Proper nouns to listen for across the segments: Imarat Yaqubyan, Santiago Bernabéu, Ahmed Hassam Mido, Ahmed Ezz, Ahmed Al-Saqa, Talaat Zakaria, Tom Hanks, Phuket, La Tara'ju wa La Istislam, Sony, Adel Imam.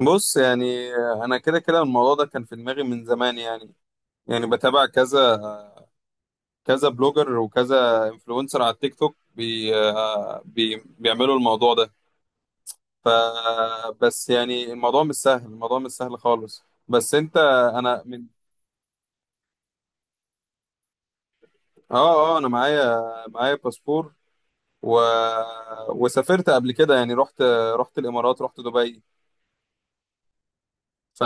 بص يعني انا كده كده الموضوع ده كان في دماغي من زمان يعني. بتابع كذا كذا بلوجر وكذا انفلونسر على التيك توك بي آه، بي بيعملوا الموضوع ده. ف بس يعني الموضوع مش سهل، الموضوع مش سهل خالص، بس انت. انا من اه انا معايا، باسبور و... وسافرت قبل كده، يعني رحت، الامارات، رحت دبي. ف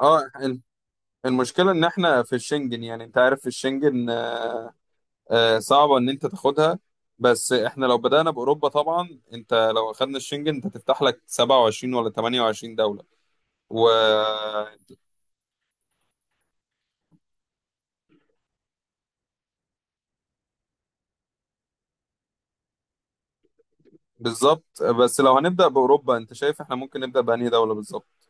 اه الم- المشكله ان احنا في الشنجن، يعني انت عارف في الشنجن صعبة إن أنت تاخدها. بس إحنا لو بدأنا بأوروبا طبعا، أنت لو أخدنا الشنجن أنت تفتح لك 27 ولا 28 دولة، وبالظبط. بس لو هنبدأ بأوروبا، أنت شايف إحنا ممكن نبدأ بأنهي دولة بالظبط؟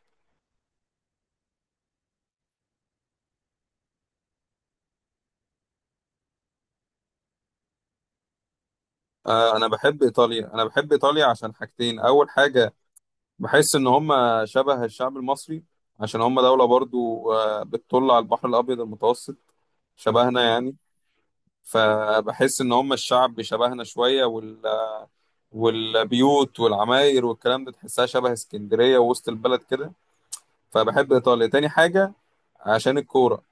أنا بحب إيطاليا، أنا بحب إيطاليا عشان حاجتين. أول حاجة، بحس إن هم شبه الشعب المصري عشان هم دولة برضو بتطل على البحر الأبيض المتوسط، شبهنا يعني. فبحس إن هم الشعب شبهنا شوية، والبيوت والعماير والكلام ده تحسها شبه اسكندرية ووسط البلد كده. فبحب إيطاليا. تاني حاجة، عشان الكورة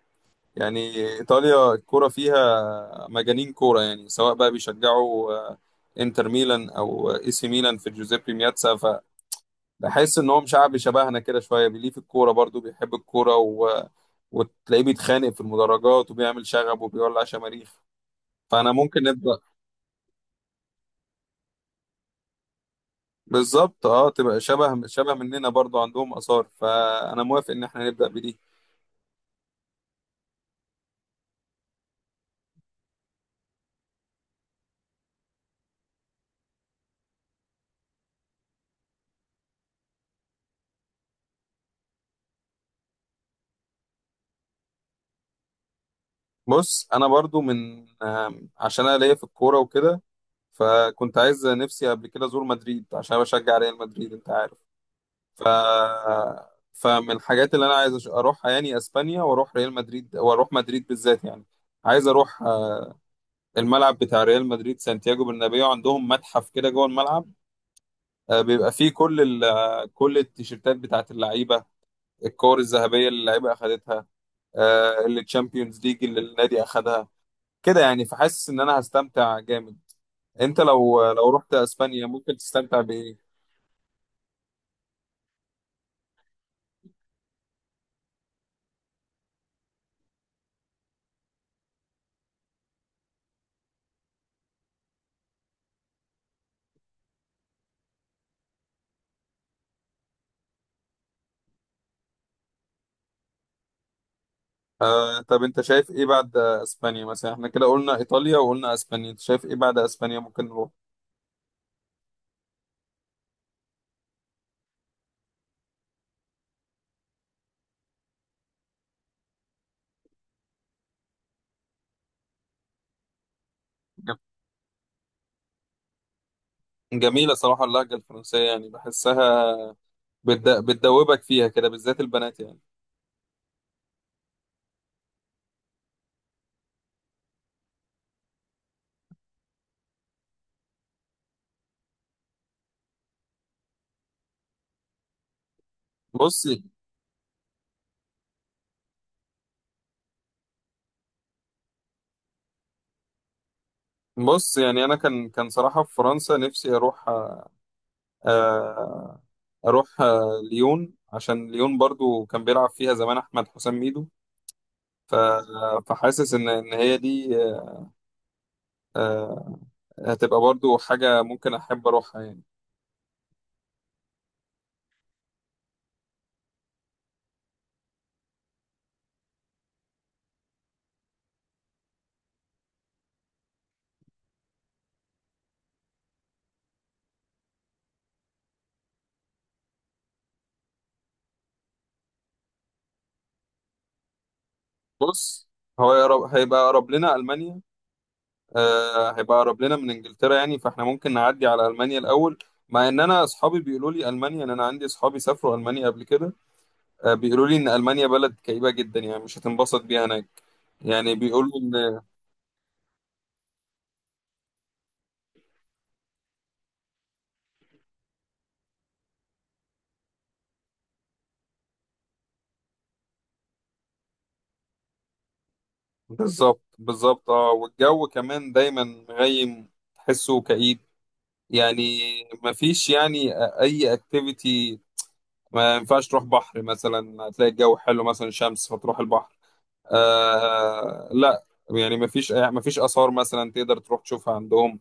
يعني. إيطاليا الكورة فيها مجانين كورة، يعني سواء بقى بيشجعوا انتر ميلان او اي سي ميلان في جوزيبي مياتسا. فبحس ان هو شعب شبهنا كده شويه بيليه في الكوره، برضو بيحب الكوره وتلاقيه بيتخانق في المدرجات وبيعمل شغب وبيولع شماريخ. فانا ممكن نبدا بالظبط، اه، تبقى شبه مننا، برضو عندهم اثار، فانا موافق ان احنا نبدا بدي. بص انا برضو من عشان انا ليا في الكوره وكده، فكنت عايز نفسي قبل كده ازور مدريد عشان أنا بشجع ريال مدريد، انت عارف. ف فمن الحاجات اللي انا عايز اروحها يعني اسبانيا، واروح ريال مدريد، واروح مدريد بالذات يعني. عايز اروح الملعب بتاع ريال مدريد سانتياغو برنابيو، عندهم متحف كده جوه الملعب. بيبقى فيه كل ال... آه، كل التيشيرتات بتاعت اللعيبه، الكور الذهبيه اللي اللعيبه اخدتها، اللي تشامبيونز ليج اللي النادي اخدها كده يعني. فحاسس ان انا هستمتع جامد. انت لو رحت اسبانيا ممكن تستمتع بايه؟ آه، طب انت شايف ايه بعد اسبانيا؟ مثلا احنا كده قلنا ايطاليا وقلنا اسبانيا، انت شايف ايه بعد اسبانيا ممكن نروح؟ جم- جميلة صراحة اللهجة الفرنسية، يعني بحسها بتدوبك فيها كده، بالذات البنات يعني. بص بص يعني انا كان صراحة في فرنسا نفسي اروح، آه، اروح آه ليون، عشان ليون برضو كان بيلعب فيها زمان احمد حسام ميدو. ف- فحاسس ان هي دي، آه، هتبقى برضو حاجه ممكن احب اروحها يعني. بص، هو يقرب هيبقى اقرب لنا المانيا، هيبقى اقرب لنا من انجلترا، يعني فاحنا ممكن نعدي على المانيا الاول. مع ان انا اصحابي بيقولوا لي المانيا، ان انا عندي اصحابي سافروا المانيا قبل كده، بيقولوا لي ان المانيا بلد كئيبه جدا، يعني مش هتنبسط بيها هناك. يعني بيقولوا ان بالظبط، بالظبط، اه، والجو كمان دايما مغيم، تحسه كئيب يعني. مفيش يعني اي اكتيفيتي، ما ينفعش تروح بحر مثلا هتلاقي الجو حلو مثلا شمس فتروح البحر، آه لا. يعني ما فيش آثار مثلا تقدر تروح تشوفها عندهم،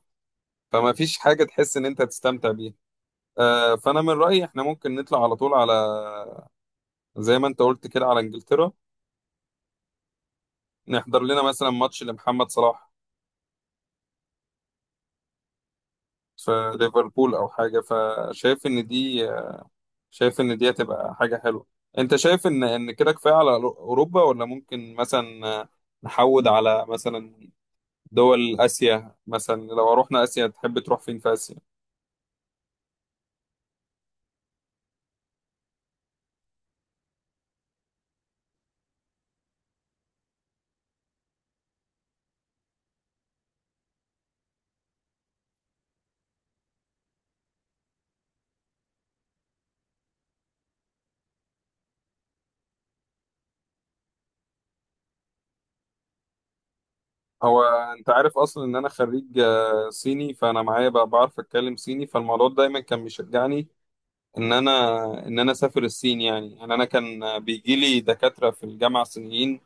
فما فيش حاجة تحس إن أنت تستمتع بيها. آه، فأنا من رأيي إحنا ممكن نطلع على طول على، زي ما أنت قلت كده، على إنجلترا، نحضر لنا مثلا ماتش لمحمد صلاح في ليفربول أو حاجة. فشايف إن دي، شايف إن دي هتبقى حاجة حلوة. أنت شايف إن كده كفاية على أوروبا، ولا ممكن مثلا نحود على مثلا دول آسيا؟ مثلا لو رحنا آسيا، تحب تروح فين في آسيا؟ هو انت عارف اصلا ان انا خريج صيني، فانا معايا بقى بعرف اتكلم صيني، فالموضوع ده دايما كان بيشجعني ان انا، اسافر الصين يعني. يعني انا كان بيجي لي دكاترة في الجامعة صينيين،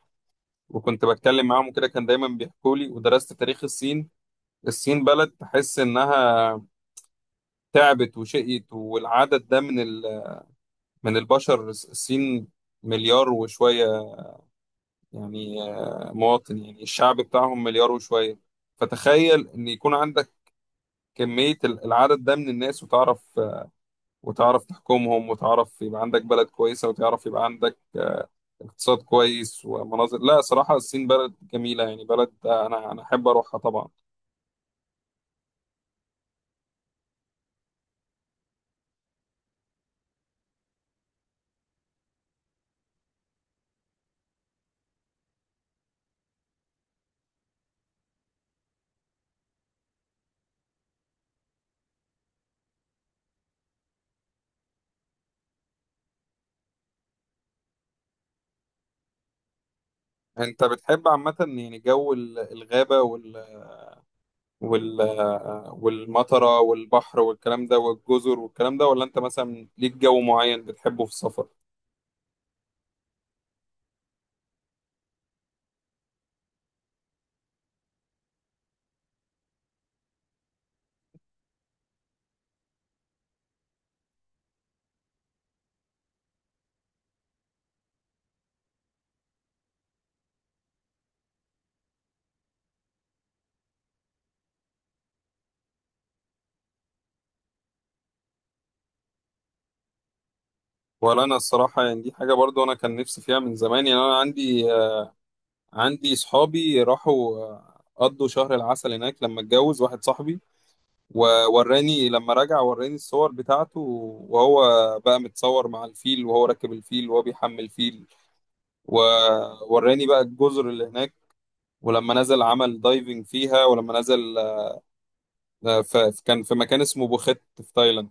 وكنت بتكلم معاهم وكده، كان دايما بيحكوا لي، ودرست تاريخ الصين. الصين بلد تحس انها تعبت وشقيت، والعدد ده من من البشر، الصين مليار وشوية يعني، مواطن، يعني الشعب بتاعهم مليار وشوية. فتخيل إن يكون عندك كمية العدد ده من الناس، وتعرف وتعرف تحكمهم، وتعرف يبقى عندك بلد كويسة، وتعرف يبقى عندك اقتصاد كويس ومناظر. لا صراحة الصين بلد جميلة، يعني بلد، أنا أحب أروحها طبعا. أنت بتحب عامة يعني جو الغابة، والمطرة والبحر والكلام ده، والجزر والكلام ده، ولا أنت مثلا ليك جو معين بتحبه في السفر؟ ولا انا الصراحه يعني دي حاجه برضو انا كان نفسي فيها من زمان. يعني انا عندي عندي صحابي راحوا قضوا شهر العسل هناك لما اتجوز واحد صاحبي، ووراني لما رجع، وراني الصور بتاعته وهو بقى متصور مع الفيل وهو راكب الفيل وهو بيحمل فيل، ووراني بقى الجزر اللي هناك ولما نزل عمل دايفنج فيها. ولما نزل كان في مكان اسمه بوخت في تايلاند.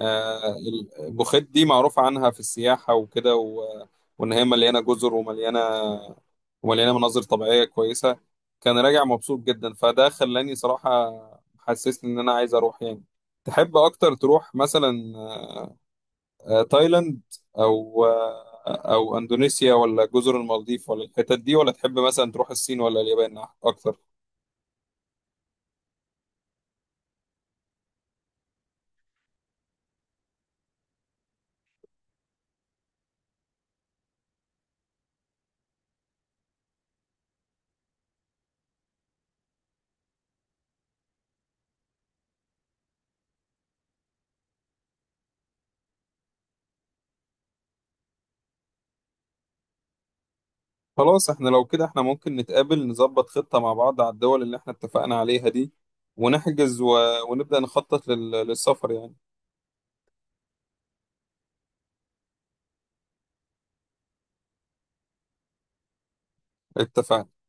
آه، البوخيت دي معروف عنها في السياحة وكده، وإن هي مليانة جزر ومليانة مناظر طبيعية كويسة. كان راجع مبسوط جدا، فده خلاني صراحة، حسسني إن أنا عايز أروح يعني. تحب أكتر تروح مثلا تايلاند أو آه، أو أندونيسيا، ولا جزر المالديف، ولا الحتت دي، ولا تحب مثلا تروح الصين ولا اليابان أكتر؟ خلاص، احنا لو كده احنا ممكن نتقابل نظبط خطة مع بعض على الدول اللي احنا اتفقنا عليها دي، ونحجز ونبدأ نخطط للسفر يعني. اتفقنا.